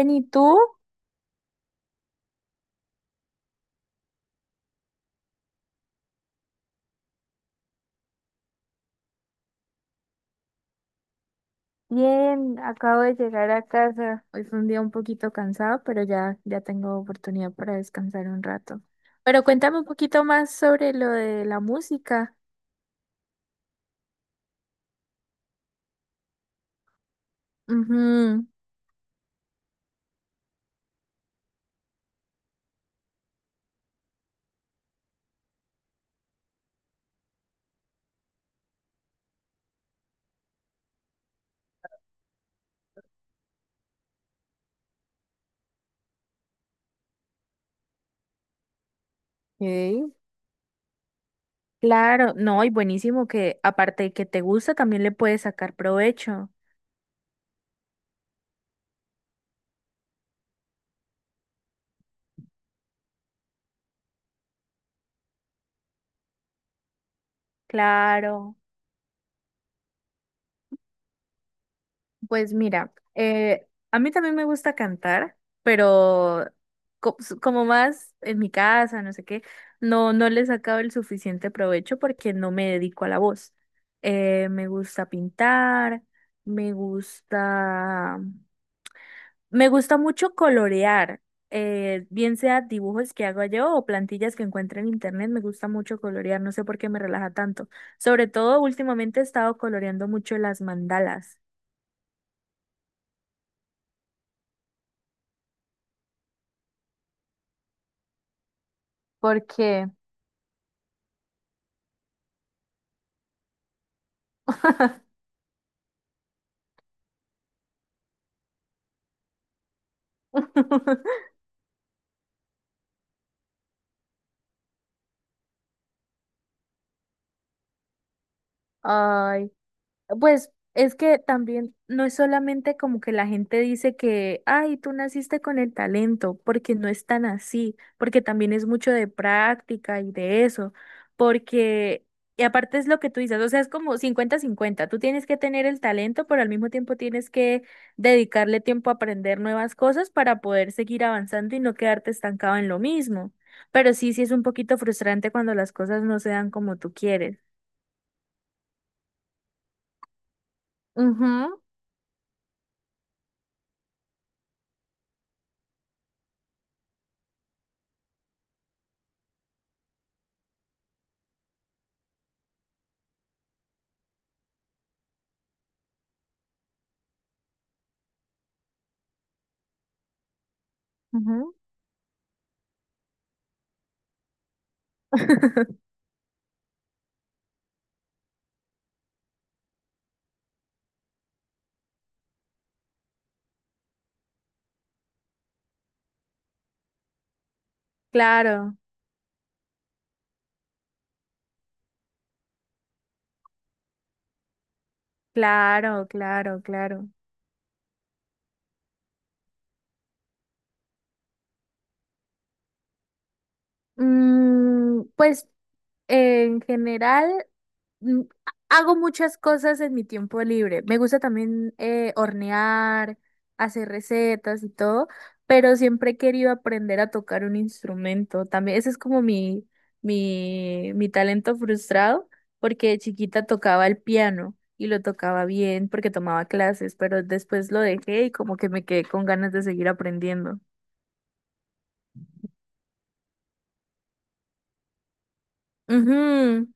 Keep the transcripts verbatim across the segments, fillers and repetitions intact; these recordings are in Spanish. Bien, ¿y tú? Bien, acabo de llegar a casa. Hoy fue un día un poquito cansado, pero ya, ya tengo oportunidad para descansar un rato. Pero cuéntame un poquito más sobre lo de la música. Ujú. Ok. Claro, no, y buenísimo que aparte de que te gusta, también le puedes sacar provecho. Claro. Pues mira, eh, a mí también me gusta cantar, pero co- s- como más en mi casa, no sé qué, no, no le he sacado el suficiente provecho porque no me dedico a la voz. Eh, me gusta pintar, me gusta, me gusta mucho colorear, eh, bien sea dibujos que hago yo o plantillas que encuentro en internet, me gusta mucho colorear, no sé por qué me relaja tanto. Sobre todo últimamente he estado coloreando mucho las mandalas. Porque Ay, pues es que también no es solamente como que la gente dice que, ay, tú naciste con el talento, porque no es tan así, porque también es mucho de práctica y de eso, porque, y aparte es lo que tú dices, o sea, es como cincuenta-cincuenta, tú tienes que tener el talento, pero al mismo tiempo tienes que dedicarle tiempo a aprender nuevas cosas para poder seguir avanzando y no quedarte estancado en lo mismo. Pero sí, sí es un poquito frustrante cuando las cosas no se dan como tú quieres. Ujú, ujú. Claro, claro, claro, claro. Mm, pues en general mm, hago muchas cosas en mi tiempo libre. Me gusta también eh, hornear, hacer recetas y todo, pero siempre he querido aprender a tocar un instrumento. También ese es como mi, mi, mi, talento frustrado, porque de chiquita tocaba el piano y lo tocaba bien porque tomaba clases, pero después lo dejé y como que me quedé con ganas de seguir aprendiendo. Ujú.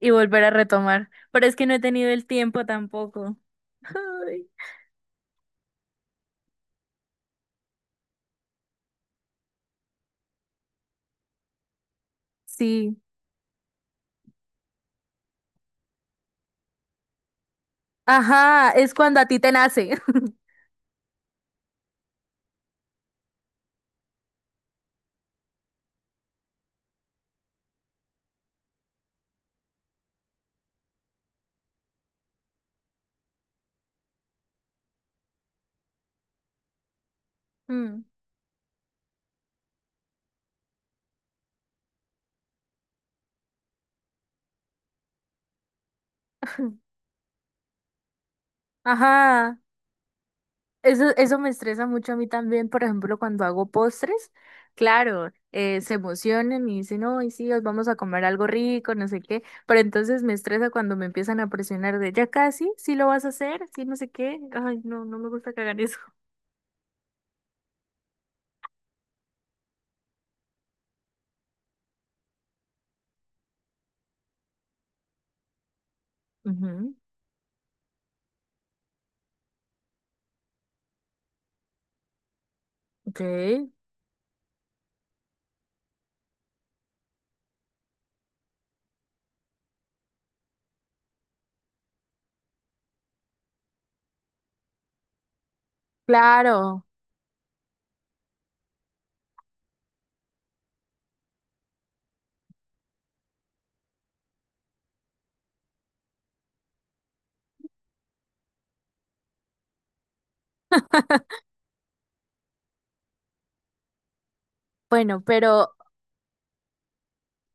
Y volver a retomar. Pero es que no he tenido el tiempo tampoco. Ay. Sí. Ajá, es cuando a ti te nace. Mm. Ajá, eso, eso me estresa mucho a mí también, por ejemplo, cuando hago postres, claro, eh, se emocionan y dicen, no, y sí, os vamos a comer algo rico, no sé qué, pero entonces me estresa cuando me empiezan a presionar de, ya casi, sí lo vas a hacer, sí, no sé qué, ay, no, no me gusta que hagan eso. Ujú. Ok, claro, bueno, pero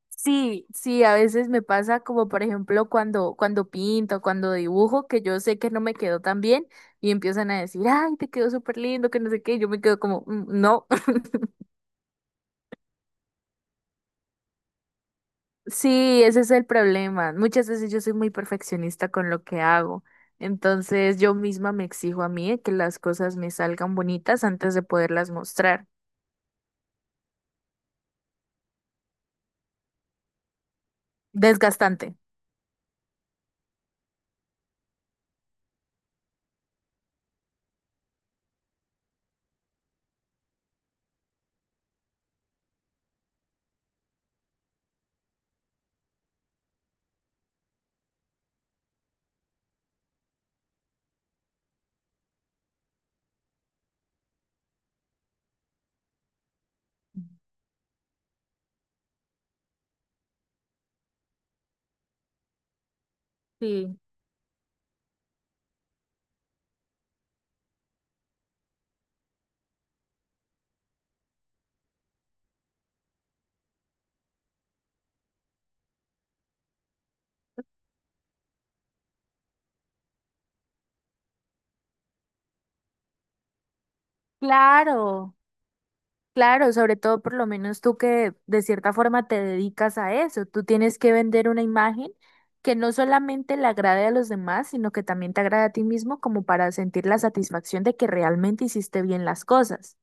sí, sí, a veces me pasa como por ejemplo cuando, cuando pinto, cuando dibujo, que yo sé que no me quedó tan bien y empiezan a decir, ay, te quedó súper lindo, que no sé qué, y yo me quedo como, "Mm, no." Sí, ese es el problema. Muchas veces yo soy muy perfeccionista con lo que hago, entonces yo misma me exijo a mí que las cosas me salgan bonitas antes de poderlas mostrar. Desgastante. Sí, claro. Claro, sobre todo por lo menos tú que de cierta forma te dedicas a eso, tú tienes que vender una imagen que no solamente le agrade a los demás, sino que también te agrade a ti mismo como para sentir la satisfacción de que realmente hiciste bien las cosas.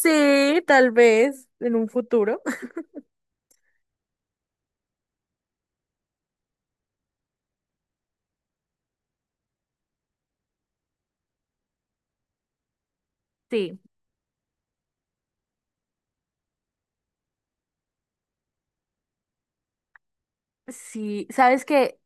Sí, tal vez en un futuro. Sí, sí, sabes que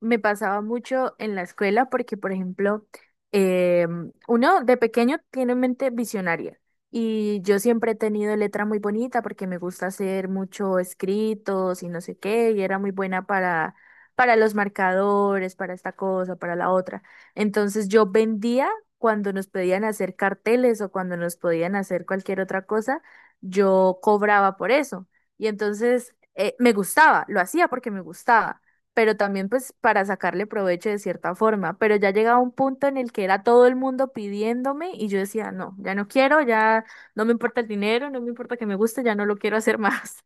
me pasaba mucho en la escuela porque, por ejemplo, em, uno de pequeño tiene mente visionaria y yo siempre he tenido letra muy bonita porque me gusta hacer mucho escritos y no sé qué, y era muy buena para, para los marcadores, para esta cosa, para la otra. Entonces yo vendía cuando nos pedían hacer carteles o cuando nos podían hacer cualquier otra cosa, yo cobraba por eso. Y entonces eh, me gustaba, lo hacía porque me gustaba pero también pues para sacarle provecho de cierta forma. Pero ya llegaba un punto en el que era todo el mundo pidiéndome y yo decía, no, ya no quiero, ya no me importa el dinero, no me importa que me guste, ya no lo quiero hacer más.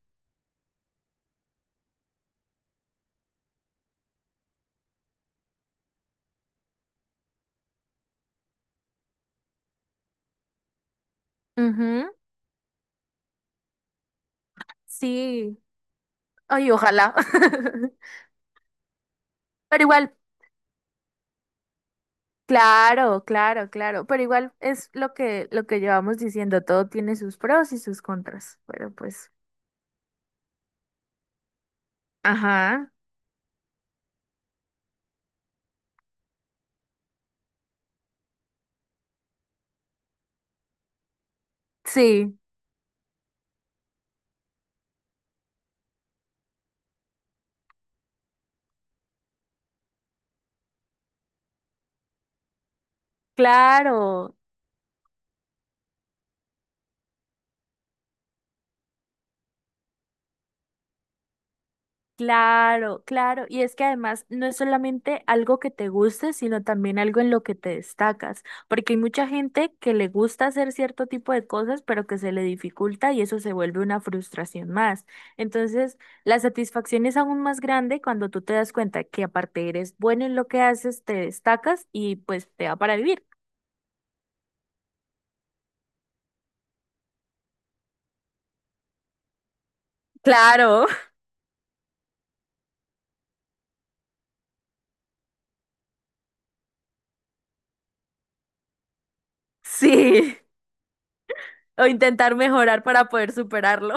Ujú. Sí, ay, ojalá. Pero igual, claro, claro, claro, pero igual es lo que, lo que llevamos diciendo, todo tiene sus pros y sus contras, pero pues, ajá, sí, claro. Claro, claro. Y es que además no es solamente algo que te guste, sino también algo en lo que te destacas, porque hay mucha gente que le gusta hacer cierto tipo de cosas, pero que se le dificulta y eso se vuelve una frustración más. Entonces, la satisfacción es aún más grande cuando tú te das cuenta que aparte eres bueno en lo que haces, te destacas y pues te da para vivir. Claro, sí. O intentar mejorar para poder superarlo.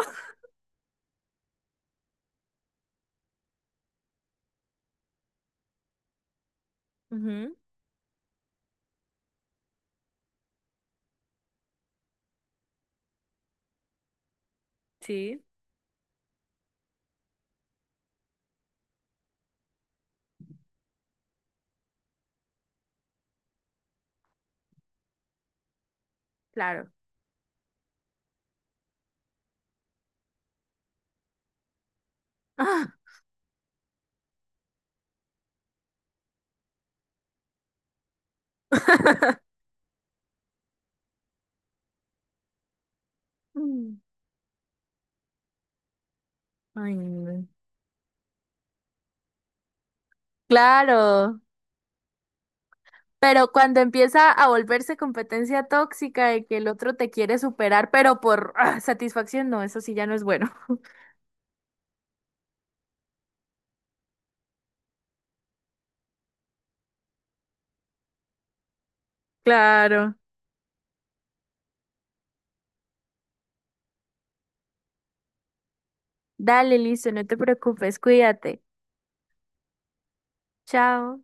Ujú. Sí, claro. Ah. Mm. Ay, no. Claro, pero cuando empieza a volverse competencia tóxica de que el otro te quiere superar, pero por ah, satisfacción, no, eso sí ya no es bueno. Claro. Dale, listo, no te preocupes, cuídate. Chao.